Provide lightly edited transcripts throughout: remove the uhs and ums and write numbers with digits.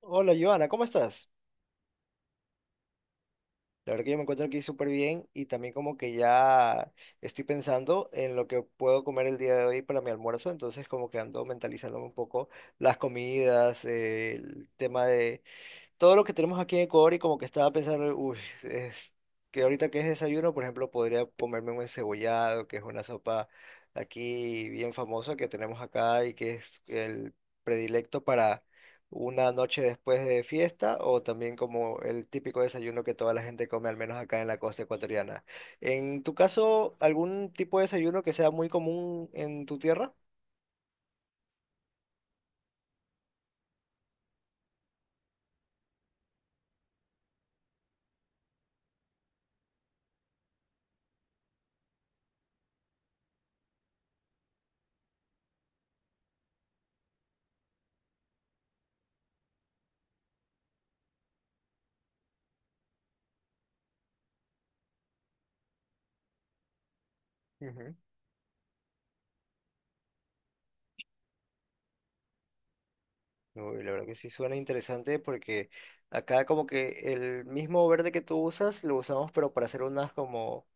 Hola, Joana, ¿cómo estás? La verdad que yo me encuentro aquí súper bien y también como que ya estoy pensando en lo que puedo comer el día de hoy para mi almuerzo, entonces como que ando mentalizándome un poco las comidas, el tema de todo lo que tenemos aquí en Ecuador y como que estaba pensando, uy, es que ahorita que es desayuno, por ejemplo, podría comerme un encebollado, que es una sopa aquí bien famosa que tenemos acá y que es el predilecto para una noche después de fiesta o también como el típico desayuno que toda la gente come, al menos acá en la costa ecuatoriana. En tu caso, ¿algún tipo de desayuno que sea muy común en tu tierra? Ujú. Uy, la verdad que sí suena interesante porque acá como que el mismo verde que tú usas lo usamos pero para hacer unas como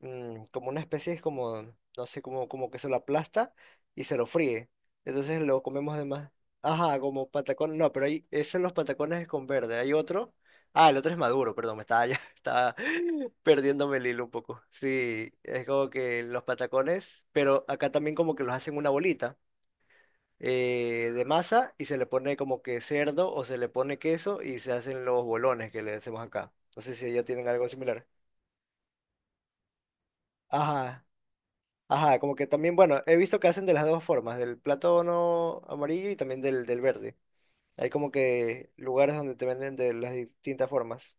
como una especie es como no sé como que se lo aplasta y se lo fríe. Entonces lo comemos de más. Ajá, como patacón, no, pero ahí esos son los patacones con verde. Hay otro. Ah, el otro es maduro, perdón, me estaba ya estaba perdiéndome el hilo un poco. Sí, es como que los patacones, pero acá también como que los hacen una bolita de masa y se le pone como que cerdo o se le pone queso y se hacen los bolones que le hacemos acá. No sé si allá tienen algo similar. Ajá, ajá, como que también, bueno, he visto que hacen de las dos formas, del plátano amarillo y también del verde. Hay como que lugares donde te venden de las distintas formas.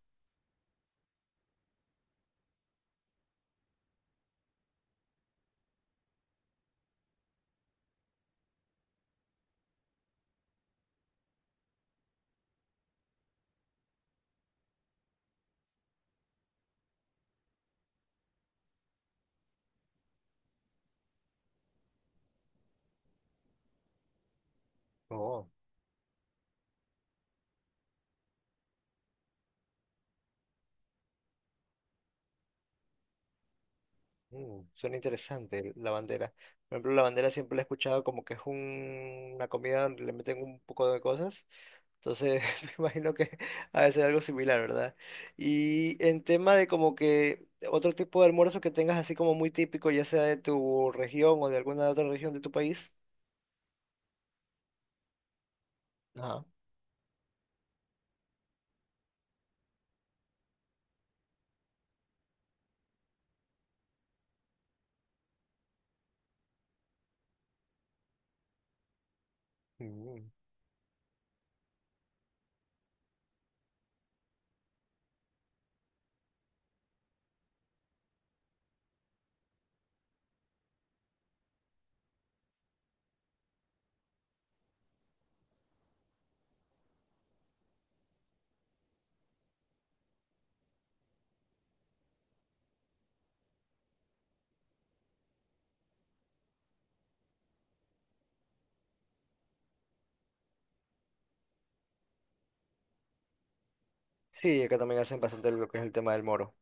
Oh, mm, suena interesante la bandera. Por ejemplo, la bandera siempre la he escuchado como que es una comida donde le meten un poco de cosas. Entonces, me imagino que ha de ser algo similar, ¿verdad? Y en tema de como que otro tipo de almuerzo que tengas así como muy típico, ya sea de tu región o de alguna otra región de tu país. Ajá. Mm. Sí, acá también hacen bastante lo que es el tema del moro.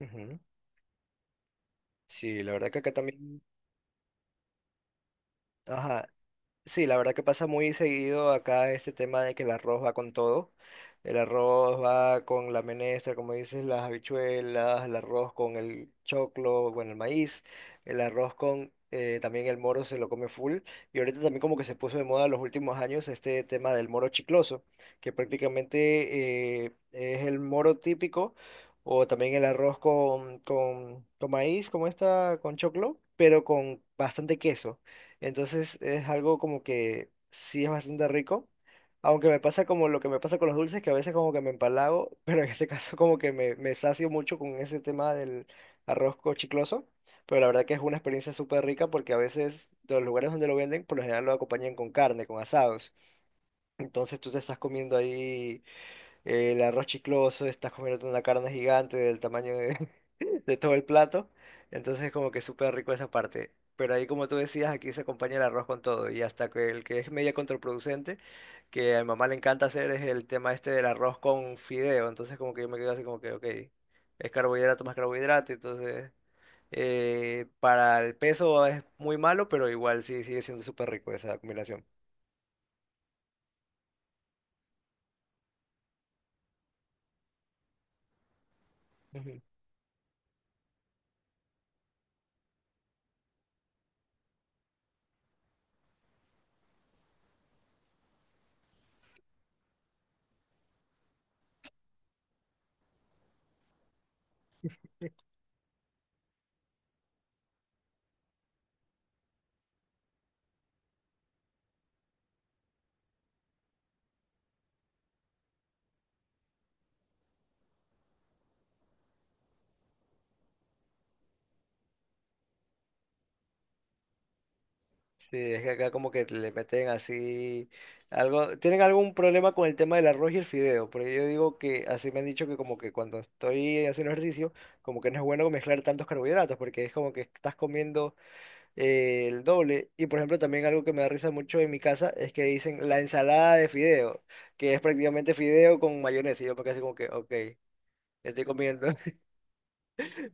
Ujú. Sí, la verdad que acá también. Ajá, sí, la verdad que pasa muy seguido acá este tema de que el arroz va con todo. El arroz va con la menestra, como dices, las habichuelas, el arroz con el choclo, bueno, el maíz, el arroz con también el moro se lo come full. Y ahorita también como que se puso de moda en los últimos años este tema del moro chicloso, que prácticamente es el moro típico, o también el arroz con, con maíz, como esta, con choclo, pero con bastante queso. Entonces es algo como que sí es bastante rico. Aunque me pasa como lo que me pasa con los dulces, que a veces como que me empalago, pero en este caso como que me sacio mucho con ese tema del chicloso. Pero la verdad que es una experiencia súper rica porque a veces de los lugares donde lo venden, por lo general lo acompañan con carne, con asados. Entonces tú te estás comiendo ahí el arroz chicloso, estás comiendo una carne gigante del tamaño de, de todo el plato. Entonces como que súper rico esa parte. Pero ahí como tú decías, aquí se acompaña el arroz con todo. Y hasta que el que es media contraproducente, que a mi mamá le encanta hacer, es el tema este del arroz con fideo. Entonces como que yo me quedo así como que, ok, es carbohidrato más carbohidrato. Entonces para el peso es muy malo, pero igual sí sigue siendo súper rico esa combinación. Sí, es que acá como que le meten así algo, tienen algún problema con el tema del arroz y el fideo, porque yo digo que así me han dicho que como que cuando estoy haciendo ejercicio, como que no es bueno mezclar tantos carbohidratos, porque es como que estás comiendo el doble. Y por ejemplo, también algo que me da risa mucho en mi casa es que dicen la ensalada de fideo, que es prácticamente fideo con mayonesa, y yo me quedo así como que, ok, estoy comiendo,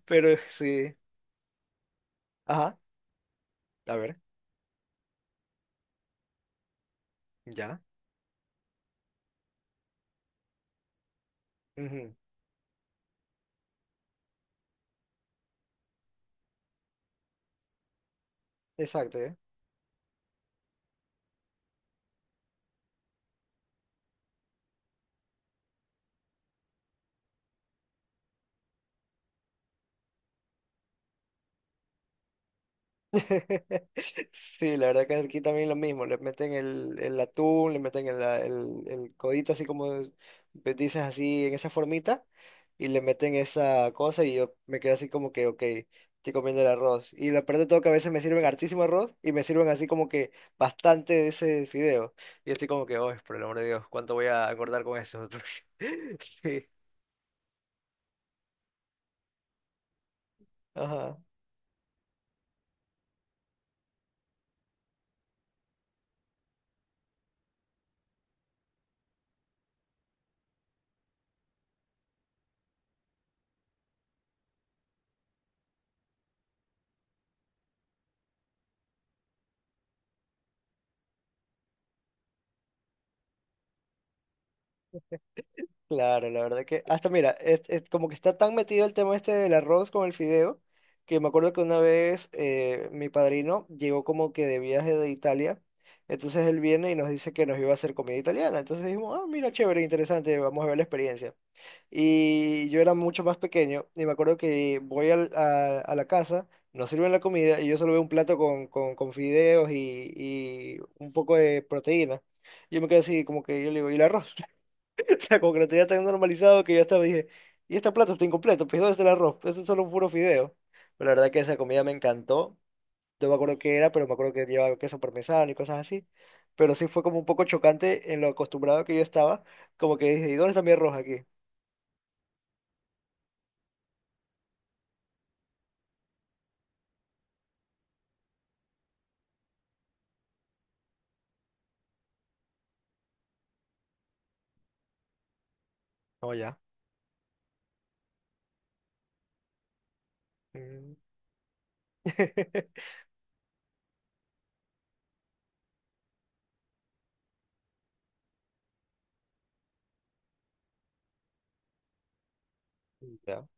pero sí, ajá, a ver, ya, ujú, exacto, sí, la verdad que aquí también lo mismo, le meten el atún, le meten el, el codito así como pues, dices así en esa formita y le meten esa cosa y yo me quedo así como que, ok, estoy comiendo el arroz. Y lo peor de todo que a veces me sirven hartísimo arroz y me sirven así como que bastante de ese fideo. Y yo estoy como que, oh, por el amor de Dios, ¿cuánto voy a acordar con eso? Sí, ajá. Claro, la verdad que hasta mira, es como que está tan metido el tema este del arroz con el fideo, que me acuerdo que una vez mi padrino llegó como que de viaje de Italia, entonces él viene y nos dice que nos iba a hacer comida italiana, entonces dijimos, ah, mira, chévere, interesante, vamos a ver la experiencia. Y yo era mucho más pequeño y me acuerdo que voy a la casa, nos sirven la comida y yo solo veo un plato con, con fideos y un poco de proteína. Yo me quedé así como que yo le digo, ¿y el arroz? O sea, como que lo tenía tan normalizado que yo hasta me dije, y esta plata está incompleta, pues ¿dónde está el arroz? Eso es solo un puro fideo. Pero la verdad que esa comida me encantó. No me acuerdo qué era, pero me acuerdo que llevaba queso parmesano y cosas así. Pero sí fue como un poco chocante en lo acostumbrado que yo estaba. Como que dije, ¿y dónde está mi arroz aquí? No, ya. Mm. Ya.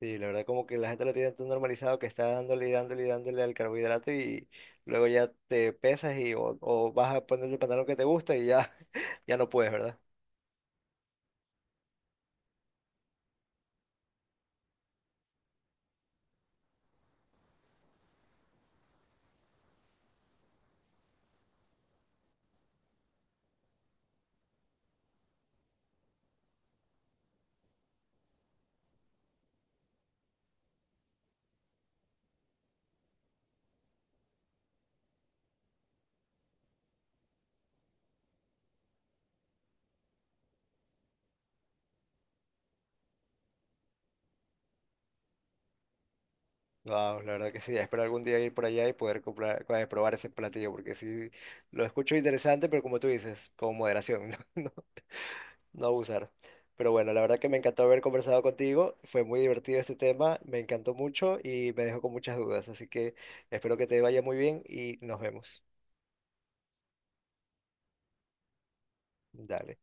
Sí, la verdad como que la gente lo tiene tan normalizado que está dándole y dándole y dándole al carbohidrato y luego ya te pesas o vas a ponerte el pantalón que te gusta y ya, ya no puedes, ¿verdad? Wow, la verdad que sí. Espero algún día ir por allá y poder comprar, probar ese platillo, porque sí lo escucho interesante, pero como tú dices, con moderación, no, no, no abusar. Pero bueno, la verdad que me encantó haber conversado contigo. Fue muy divertido este tema, me encantó mucho y me dejó con muchas dudas. Así que espero que te vaya muy bien y nos vemos. Dale.